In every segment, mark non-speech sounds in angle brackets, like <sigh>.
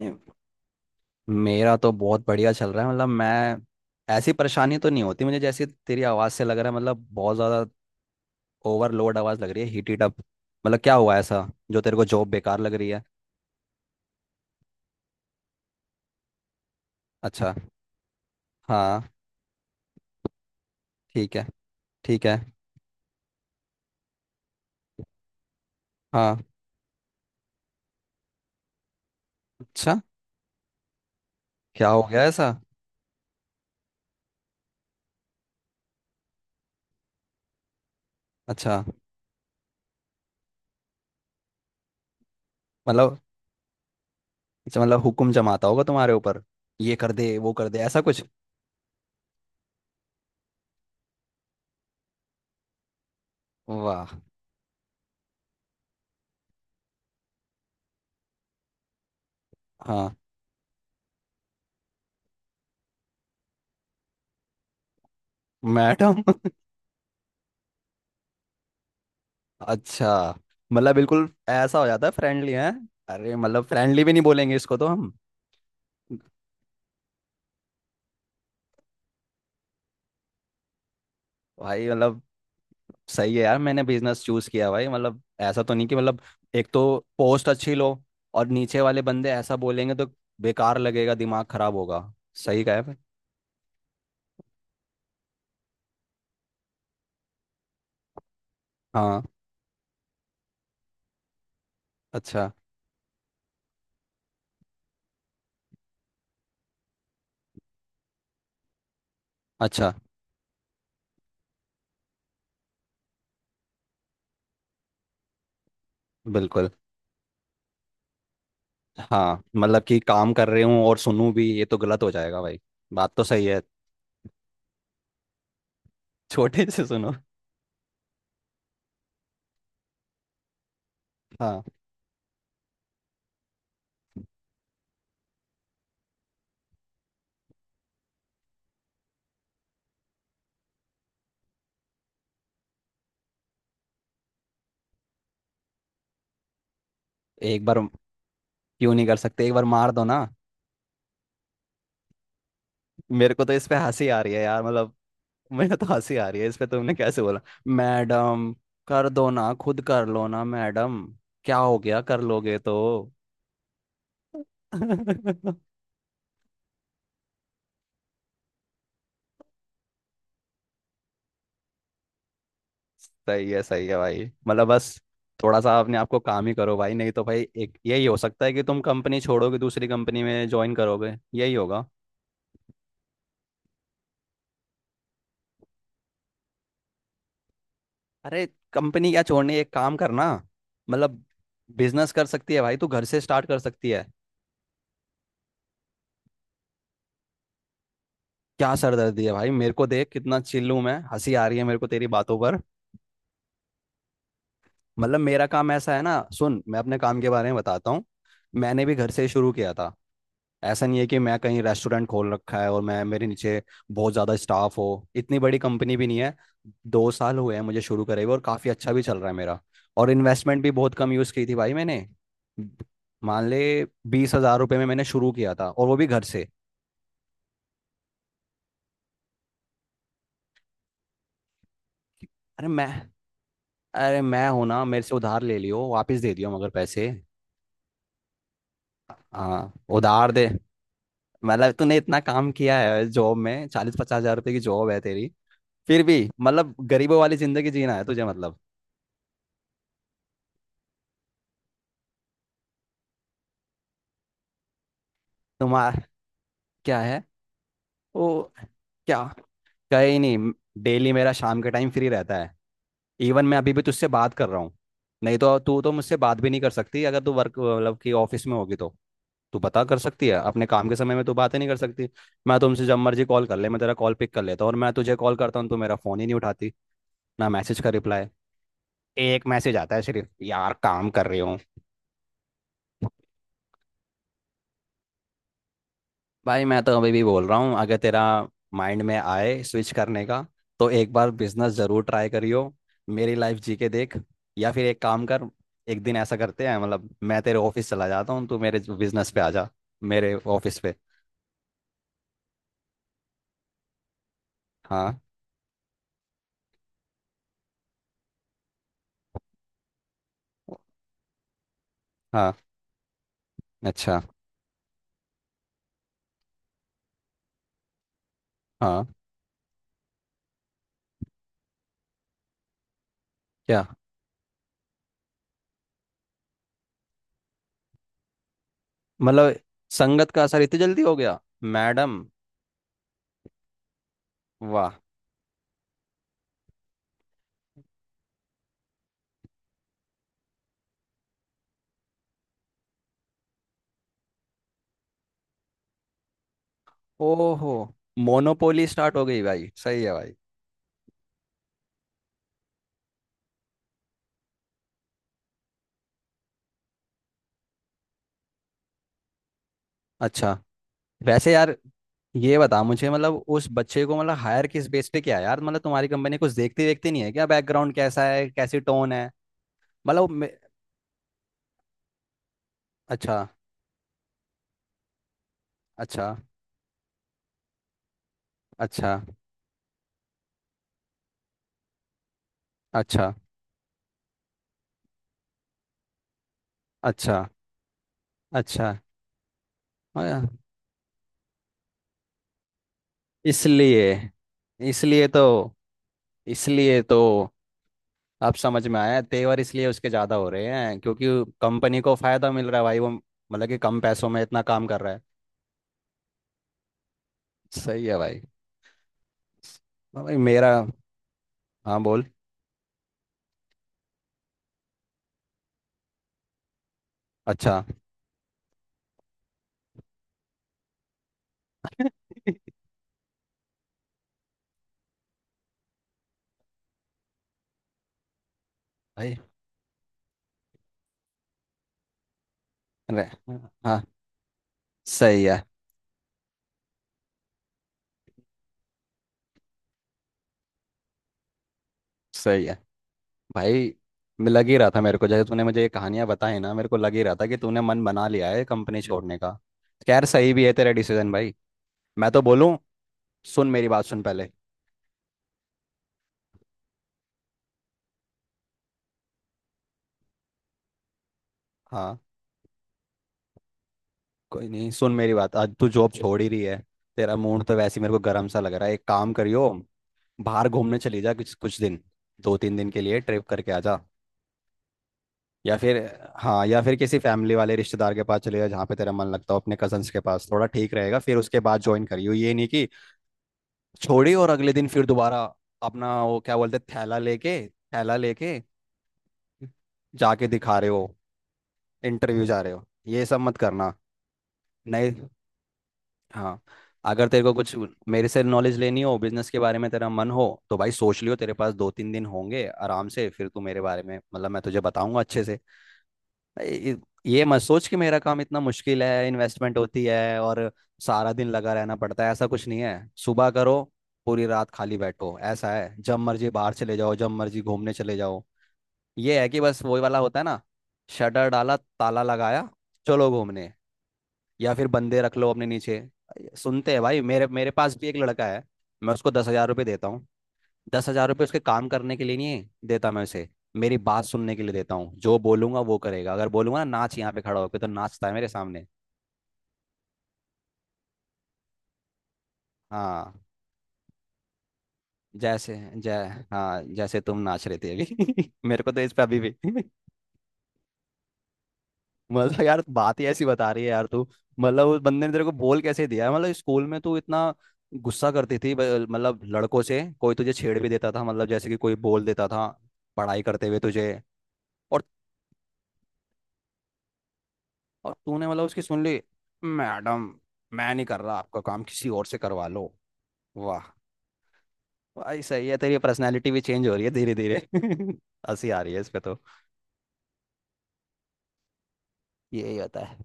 नहीं, मेरा तो बहुत बढ़िया चल रहा है। मैं ऐसी परेशानी तो नहीं होती मुझे, जैसी तेरी आवाज़ से लग रहा है। मतलब बहुत ज़्यादा ओवरलोड आवाज़ लग रही है, हीट हीट अप। मतलब क्या हुआ ऐसा जो तेरे को जॉब बेकार लग रही है? अच्छा। हाँ। ठीक है। ठीक है। हाँ। अच्छा, क्या हो गया ऐसा? अच्छा मतलब, हुक्म जमाता होगा तुम्हारे ऊपर, ये कर दे वो कर दे ऐसा कुछ। वाह। हाँ। मैडम <laughs> अच्छा, मतलब बिल्कुल ऐसा हो जाता है, फ्रेंडली है। अरे मतलब फ्रेंडली भी नहीं बोलेंगे इसको तो हम। भाई मतलब सही है यार। मैंने बिजनेस चूज किया भाई, मतलब ऐसा तो नहीं कि मतलब एक तो पोस्ट अच्छी लो और नीचे वाले बंदे ऐसा बोलेंगे तो बेकार लगेगा, दिमाग खराब होगा। सही कहा है भाई। हाँ। अच्छा। अच्छा। बिल्कुल। हाँ मतलब कि काम कर रहे हूँ और सुनूं भी, ये तो गलत हो जाएगा भाई। बात तो सही है <laughs> छोटे से सुनो। हाँ। एक बार, क्यों नहीं कर सकते? एक बार मार दो ना। मेरे को तो इस पे हंसी आ रही है यार, मतलब मुझे तो हंसी आ रही है इस पे, तुमने कैसे बोला? मैडम, कर दो ना, खुद कर लो ना मैडम। क्या हो गया कर लोगे तो? <laughs> सही है, सही है भाई। बस थोड़ा सा अपने आप को काम ही करो भाई, नहीं तो भाई एक यही हो सकता है कि तुम कंपनी छोड़ोगे, दूसरी कंपनी में ज्वाइन करोगे, यही होगा। अरे कंपनी क्या छोड़नी, एक काम करना। मतलब बिजनेस कर सकती है भाई, तू घर से स्टार्ट कर सकती है। क्या सरदर्दी है भाई? मेरे को देख कितना चिल्लू मैं, हंसी आ रही है मेरे को तेरी बातों पर। मतलब मेरा काम ऐसा है ना, सुन, मैं अपने काम के बारे में बताता हूँ। मैंने भी घर से ही शुरू किया था। ऐसा नहीं है कि मैं कहीं रेस्टोरेंट खोल रखा है और मैं, मेरे नीचे बहुत ज़्यादा स्टाफ हो। इतनी बड़ी कंपनी भी नहीं है। 2 साल हुए हैं मुझे शुरू करे हुए और काफ़ी अच्छा भी चल रहा है मेरा। और इन्वेस्टमेंट भी बहुत कम यूज़ की थी भाई मैंने। मान ले 20,000 रुपये में मैंने शुरू किया था, और वो भी घर से। अरे मैं अरे मैं हूं ना, मेरे से उधार ले लियो, वापस दे दियो मगर पैसे। हाँ। उधार दे। मतलब तूने इतना काम किया है जॉब में, 40-50 हजार रुपए की जॉब है तेरी। फिर भी मतलब गरीबों वाली जिंदगी जीना है तुझे मतलब। तुम्हारा क्या है? वो क्या, कहीं नहीं। डेली मेरा शाम के टाइम फ्री रहता है। इवन मैं अभी भी तुझसे बात कर रहा हूँ। नहीं तो तू तो मुझसे बात भी नहीं कर सकती, अगर तू वर्क मतलब कि ऑफिस में होगी तो। तू पता कर सकती है, अपने काम के समय में तू बातें नहीं कर सकती। मैं तुमसे जब मर्जी कॉल कर ले, मैं तेरा कॉल पिक कर लेता हूँ, और मैं तुझे कॉल करता हूँ तू मेरा फोन ही नहीं उठाती, ना मैसेज का रिप्लाई। एक मैसेज आता है सिर्फ, यार काम कर रही हूँ। भाई मैं तो अभी भी बोल रहा हूँ, अगर तेरा माइंड में आए स्विच करने का तो एक बार बिजनेस जरूर ट्राई करियो। मेरी लाइफ जी के देख। या फिर एक काम कर, एक दिन ऐसा करते हैं, मतलब मैं तेरे ऑफिस चला जाता हूँ, तू मेरे बिजनेस पे आ जा, मेरे ऑफिस पे। हाँ। हाँ। अच्छा। हाँ। क्या? मतलब संगत का असर इतनी जल्दी हो गया? मैडम। वाह। ओहो, मोनोपोली स्टार्ट हो गई भाई, सही है भाई। अच्छा। वैसे यार ये बता मुझे, मतलब उस बच्चे को मतलब हायर किस बेस पे किया यार? मतलब तुम्हारी कंपनी कुछ देखती देखती नहीं है क्या? बैकग्राउंड कैसा है, कैसी टोन है? मतलब वो मे-। अच्छा। अच्छा। अच्छा। अच्छा। अच्छा। अच्छा। हाँ। इसलिए इसलिए तो इसलिए तो अब समझ में आया, तेवर इसलिए उसके ज़्यादा हो रहे हैं क्योंकि कंपनी को फ़ायदा मिल रहा है भाई वो, मतलब कि कम पैसों में इतना काम कर रहा है। सही है भाई। हाँ भाई मेरा, हाँ बोल। अच्छा। <laughs> भाई। अरे हाँ, हाँ, सही है, सही है भाई। मैं लग ही रहा था मेरे को, जैसे तूने मुझे ये कहानियां बताई ना, मेरे को लग ही रहा था कि तूने मन बना लिया है कंपनी छोड़ने का। खैर सही भी है तेरा डिसीजन भाई। मैं तो बोलूं, सुन मेरी बात, सुन पहले। हाँ। कोई नहीं, सुन मेरी बात, आज तू जॉब छोड़ ही रही है। तेरा मूड तो वैसे ही मेरे को गर्म सा लग रहा है, एक काम करियो, बाहर घूमने चली जा कुछ कुछ दिन, 2-3 दिन के लिए ट्रिप करके आ जा। या फिर, हाँ, या फिर किसी फैमिली वाले रिश्तेदार के पास चले जा, जहाँ पे तेरा मन लगता हो, अपने कजन्स के पास थोड़ा ठीक रहेगा, फिर उसके बाद ज्वाइन करियो। ये नहीं कि छोड़ी और अगले दिन फिर दोबारा अपना वो क्या बोलते हैं, थैला लेके जाके दिखा रहे हो, इंटरव्यू जा रहे हो, ये सब मत करना। नहीं। हाँ। अगर तेरे को कुछ मेरे से नॉलेज लेनी हो बिजनेस के बारे में, तेरा मन हो, तो भाई सोच लियो, तेरे पास 2-3 दिन होंगे आराम से, फिर तू मेरे बारे में मतलब मैं तुझे बताऊंगा अच्छे से। ये ये मत सोच कि मेरा काम इतना मुश्किल है, इन्वेस्टमेंट होती है और सारा दिन लगा रहना पड़ता है, ऐसा कुछ नहीं है। सुबह करो, पूरी रात खाली बैठो, ऐसा है, जब मर्जी बाहर चले जाओ, जब मर्जी घूमने चले जाओ। ये है कि बस वही वाला होता है ना, शटर डाला, ताला लगाया, चलो घूमने। या फिर बंदे रख लो अपने नीचे, सुनते हैं भाई। मेरे मेरे पास भी एक लड़का है, मैं उसको 10,000 रुपये देता हूँ। 10,000 रुपये उसके काम करने के लिए नहीं देता, मैं उसे मेरी बात सुनने के लिए देता हूँ। जो बोलूंगा वो करेगा, अगर बोलूंगा ना नाच यहाँ पे खड़ा होकर तो नाचता है मेरे सामने। हाँ जैसे, जय, हाँ जैसे तुम नाच रहे थे अभी। <laughs> मेरे को तो इस पे अभी भी <laughs> मतलब यार बात ही ऐसी बता रही है यार तू। मतलब उस बंदे ने तेरे को बोल कैसे दिया? मतलब स्कूल में तू इतना गुस्सा करती थी ब-, मतलब लड़कों से कोई तुझे छेड़ भी देता था, मतलब जैसे कि कोई बोल देता था पढ़ाई करते हुए तुझे। और और तूने मतलब उसकी सुन ली? मैडम मैं नहीं कर रहा, आपका काम किसी और से करवा लो। वाह भाई, सही है, तेरी पर्सनैलिटी भी चेंज हो रही है धीरे धीरे <laughs> हंसी आ रही है इस पे तो। यही होता है,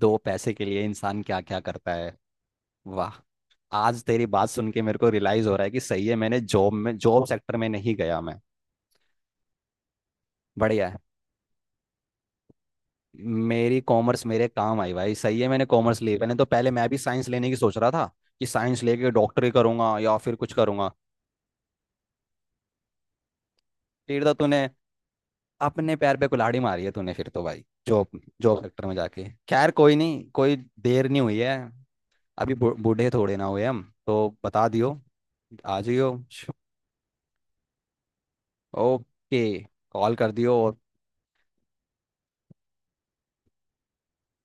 दो पैसे के लिए इंसान क्या क्या करता है। वाह। आज तेरी बात सुन के मेरे को रियलाइज हो रहा है कि सही है मैंने जॉब में, जॉब सेक्टर में नहीं गया मैं। बढ़िया है, मेरी कॉमर्स मेरे काम आई भाई, सही है मैंने कॉमर्स ली। मैंने तो पहले, मैं भी साइंस लेने की सोच रहा था, कि साइंस लेके डॉक्टरी करूंगा या फिर कुछ करूंगा। फिर तो तूने अपने पैर पे कुल्हाड़ी मारी है तूने फिर तो भाई, जॉब, जॉब सेक्टर में जाके। खैर कोई नहीं, कोई देर नहीं हुई है, अभी बू- बूढ़े थोड़े ना हुए हम। तो बता दियो, आ जाइयो। ओके, कॉल कर दियो, और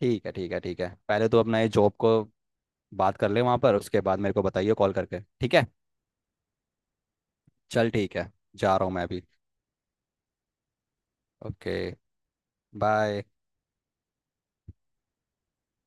ठीक है, ठीक है, ठीक है, पहले तो अपना ये जॉब को बात कर ले वहाँ पर, उसके बाद मेरे को बताइए कॉल करके, ठीक है? चल ठीक है, जा रहा हूँ मैं अभी। ओके। बाय।